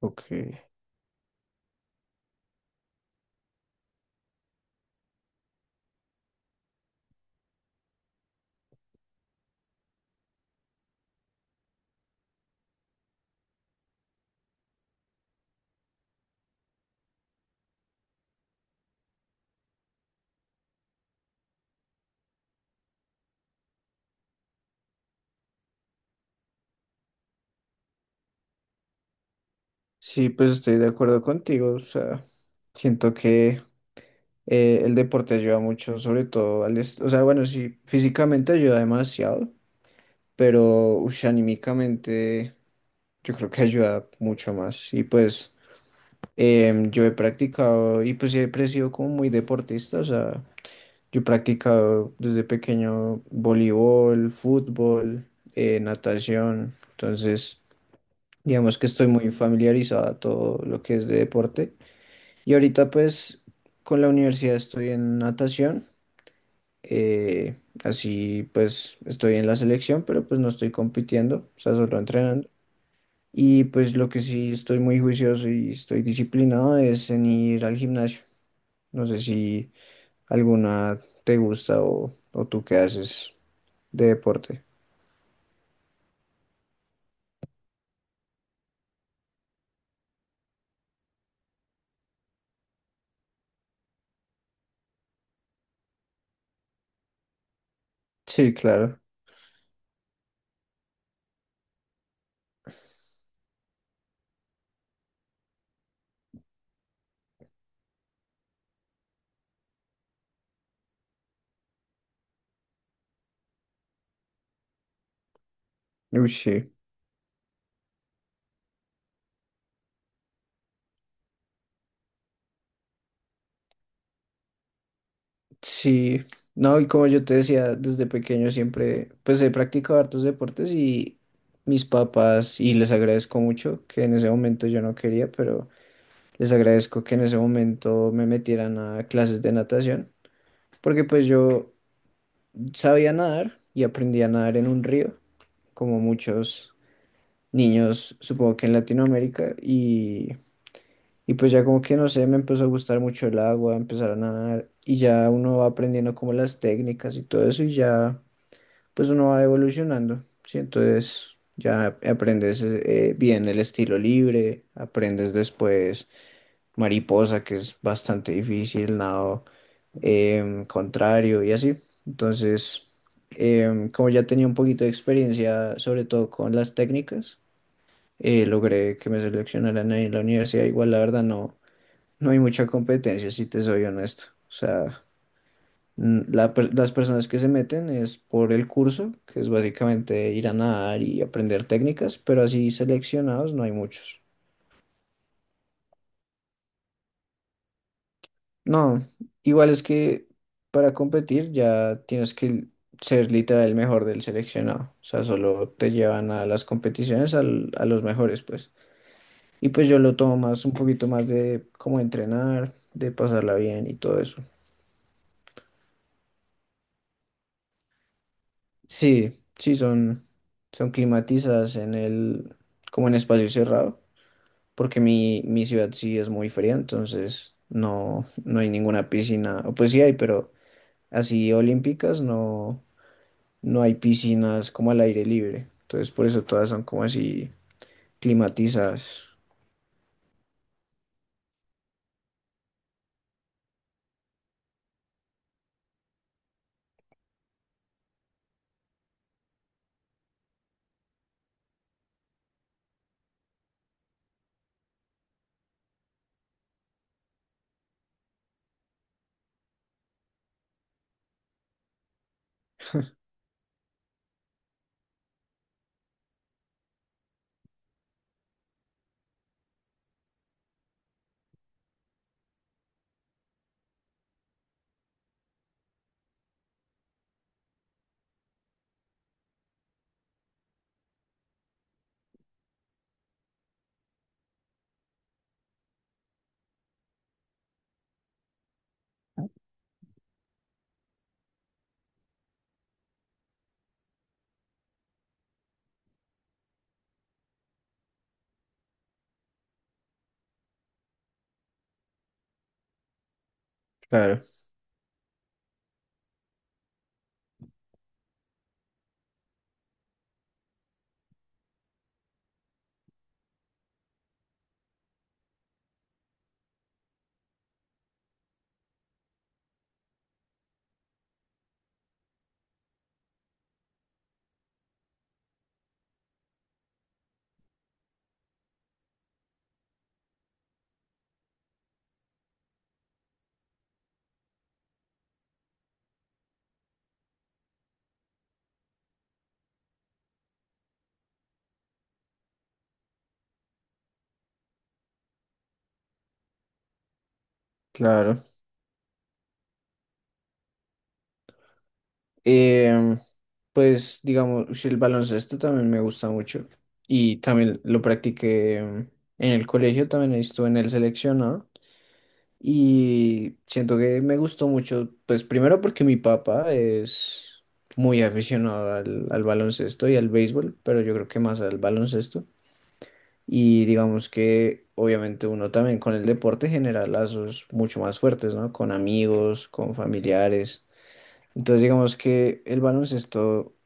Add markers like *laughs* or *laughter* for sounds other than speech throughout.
Ok. Sí, pues estoy de acuerdo contigo. O sea, siento que el deporte ayuda mucho, sobre todo O sea, bueno, sí, físicamente ayuda demasiado, pero ush, anímicamente yo creo que ayuda mucho más. Y pues yo he practicado y pues siempre he sido como muy deportista. O sea, yo he practicado desde pequeño voleibol, fútbol, natación. Entonces, digamos que estoy muy familiarizado a todo lo que es de deporte. Y ahorita pues con la universidad estoy en natación, eh, así pues estoy en la selección, pero pues no estoy compitiendo, o sea, solo entrenando. Y pues lo que sí estoy muy juicioso y estoy disciplinado es en ir al gimnasio. No sé si alguna te gusta o tú qué haces de deporte. Sí, claro. Uy, sí. Sí, no, y como yo te decía, desde pequeño siempre, pues he practicado hartos deportes y mis papás, y les agradezco mucho que en ese momento yo no quería, pero les agradezco que en ese momento me metieran a clases de natación, porque pues yo sabía nadar y aprendí a nadar en un río, como muchos niños, supongo que en Latinoamérica, y pues ya como que no sé, me empezó a gustar mucho el agua, empezar a nadar, y ya uno va aprendiendo como las técnicas y todo eso, y ya. Pues uno va evolucionando, ¿sí? Entonces ya aprendes bien el estilo libre, aprendes después mariposa, que es bastante difícil, nado contrario y así. Entonces, como ya tenía un poquito de experiencia, sobre todo con las técnicas, logré que me seleccionaran ahí en la universidad. Igual, la verdad, no, no hay mucha competencia, si te soy honesto. O sea, las personas que se meten es por el curso, que es básicamente ir a nadar y aprender técnicas, pero así seleccionados no hay muchos. No, igual es que para competir ya tienes que ser literal el mejor del seleccionado. O sea, solo te llevan a las competiciones a los mejores, pues. Y pues yo lo tomo más, un poquito más de cómo entrenar, de pasarla bien y todo eso. Sí, sí, son climatizadas, como en espacio cerrado. Porque mi ciudad sí es muy fría, entonces no, no hay ninguna piscina, o pues sí hay, pero así olímpicas no, no hay piscinas como al aire libre, entonces por eso todas son como así climatizadas. Claro, claro. Em, pues digamos, ush, el baloncesto también me gusta mucho y también lo practiqué en el colegio, también estuve en el seleccionado. Y siento que me gustó mucho, pues primero porque mi papá es muy aficionado al baloncesto y al béisbol, pero yo creo que más al baloncesto. Y digamos que obviamente uno también con el deporte genera lazos mucho más fuertes, ¿no? Con amigos, con familiares. Entonces digamos que el baloncesto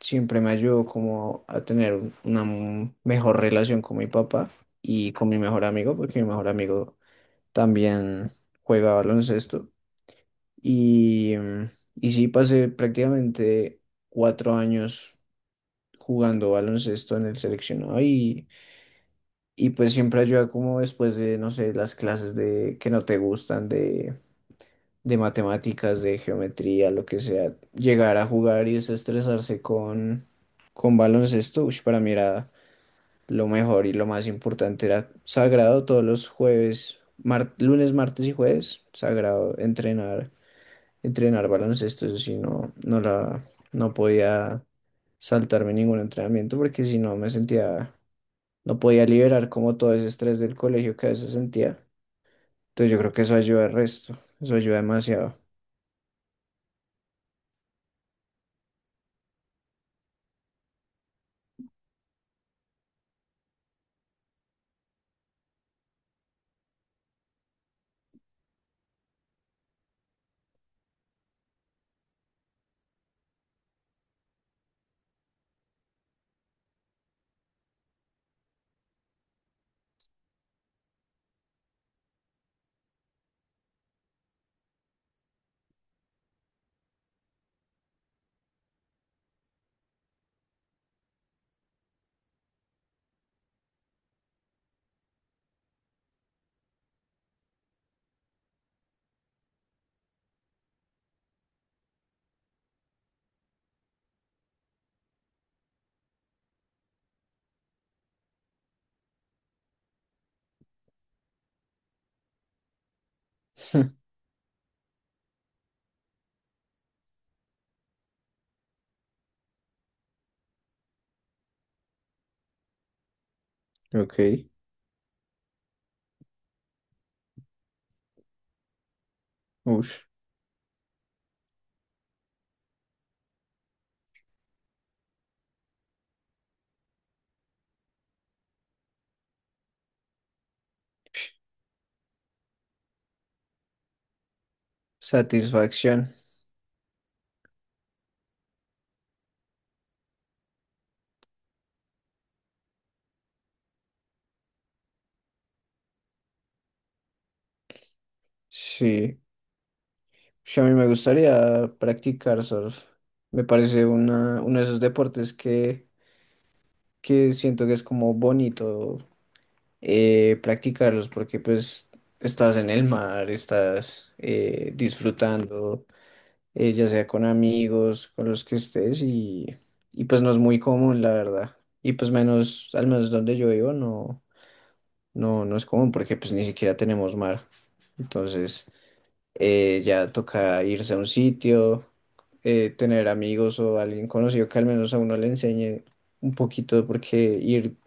siempre me ayudó como a tener mejor relación con mi papá y con mi mejor amigo, porque mi mejor amigo también juega baloncesto. Y, mm, y sí, pasé prácticamente 4 años jugando baloncesto en el seleccionado y pues siempre ayuda como después de, no sé, las clases de que no te gustan, de matemáticas, de geometría, lo que sea, llegar a jugar y desestresarse con baloncesto, ush, para mí era lo mejor y lo más importante, era sagrado todos los jueves, lunes, martes y jueves, sagrado entrenar. Entrenar baloncesto, eso sí, no podía saltarme ningún entrenamiento porque si no me sentía, no podía liberar como todo ese estrés del colegio que a veces sentía. Entonces yo creo que eso ayuda al resto, eso ayuda demasiado. *laughs* Ok, ush, satisfacción, sí. Ush, a mí me gustaría practicar surf, me parece uno de esos deportes que siento que es como bonito practicarlos porque pues estás en el mar, estás disfrutando, ya sea con amigos, con los que estés y pues no es muy común, la verdad. Y pues menos, al menos donde yo vivo, no es común porque pues ni siquiera tenemos mar. Entonces ya toca irse a un sitio, tener amigos o alguien conocido que al menos a uno le enseñe un poquito porque ir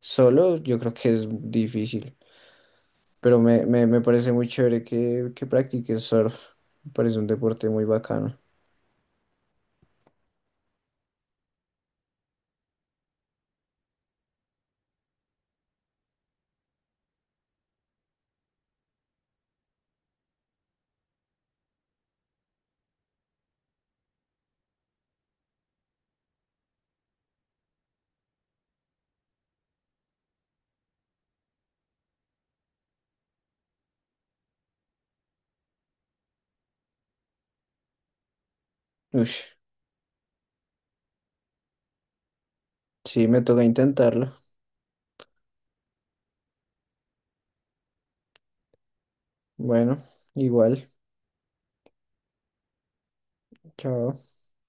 solo yo creo que es difícil. Pero me parece muy chévere que practiques surf. Me parece un deporte muy bacano. Ush, sí, me toca intentarlo. Bueno, igual. Chao.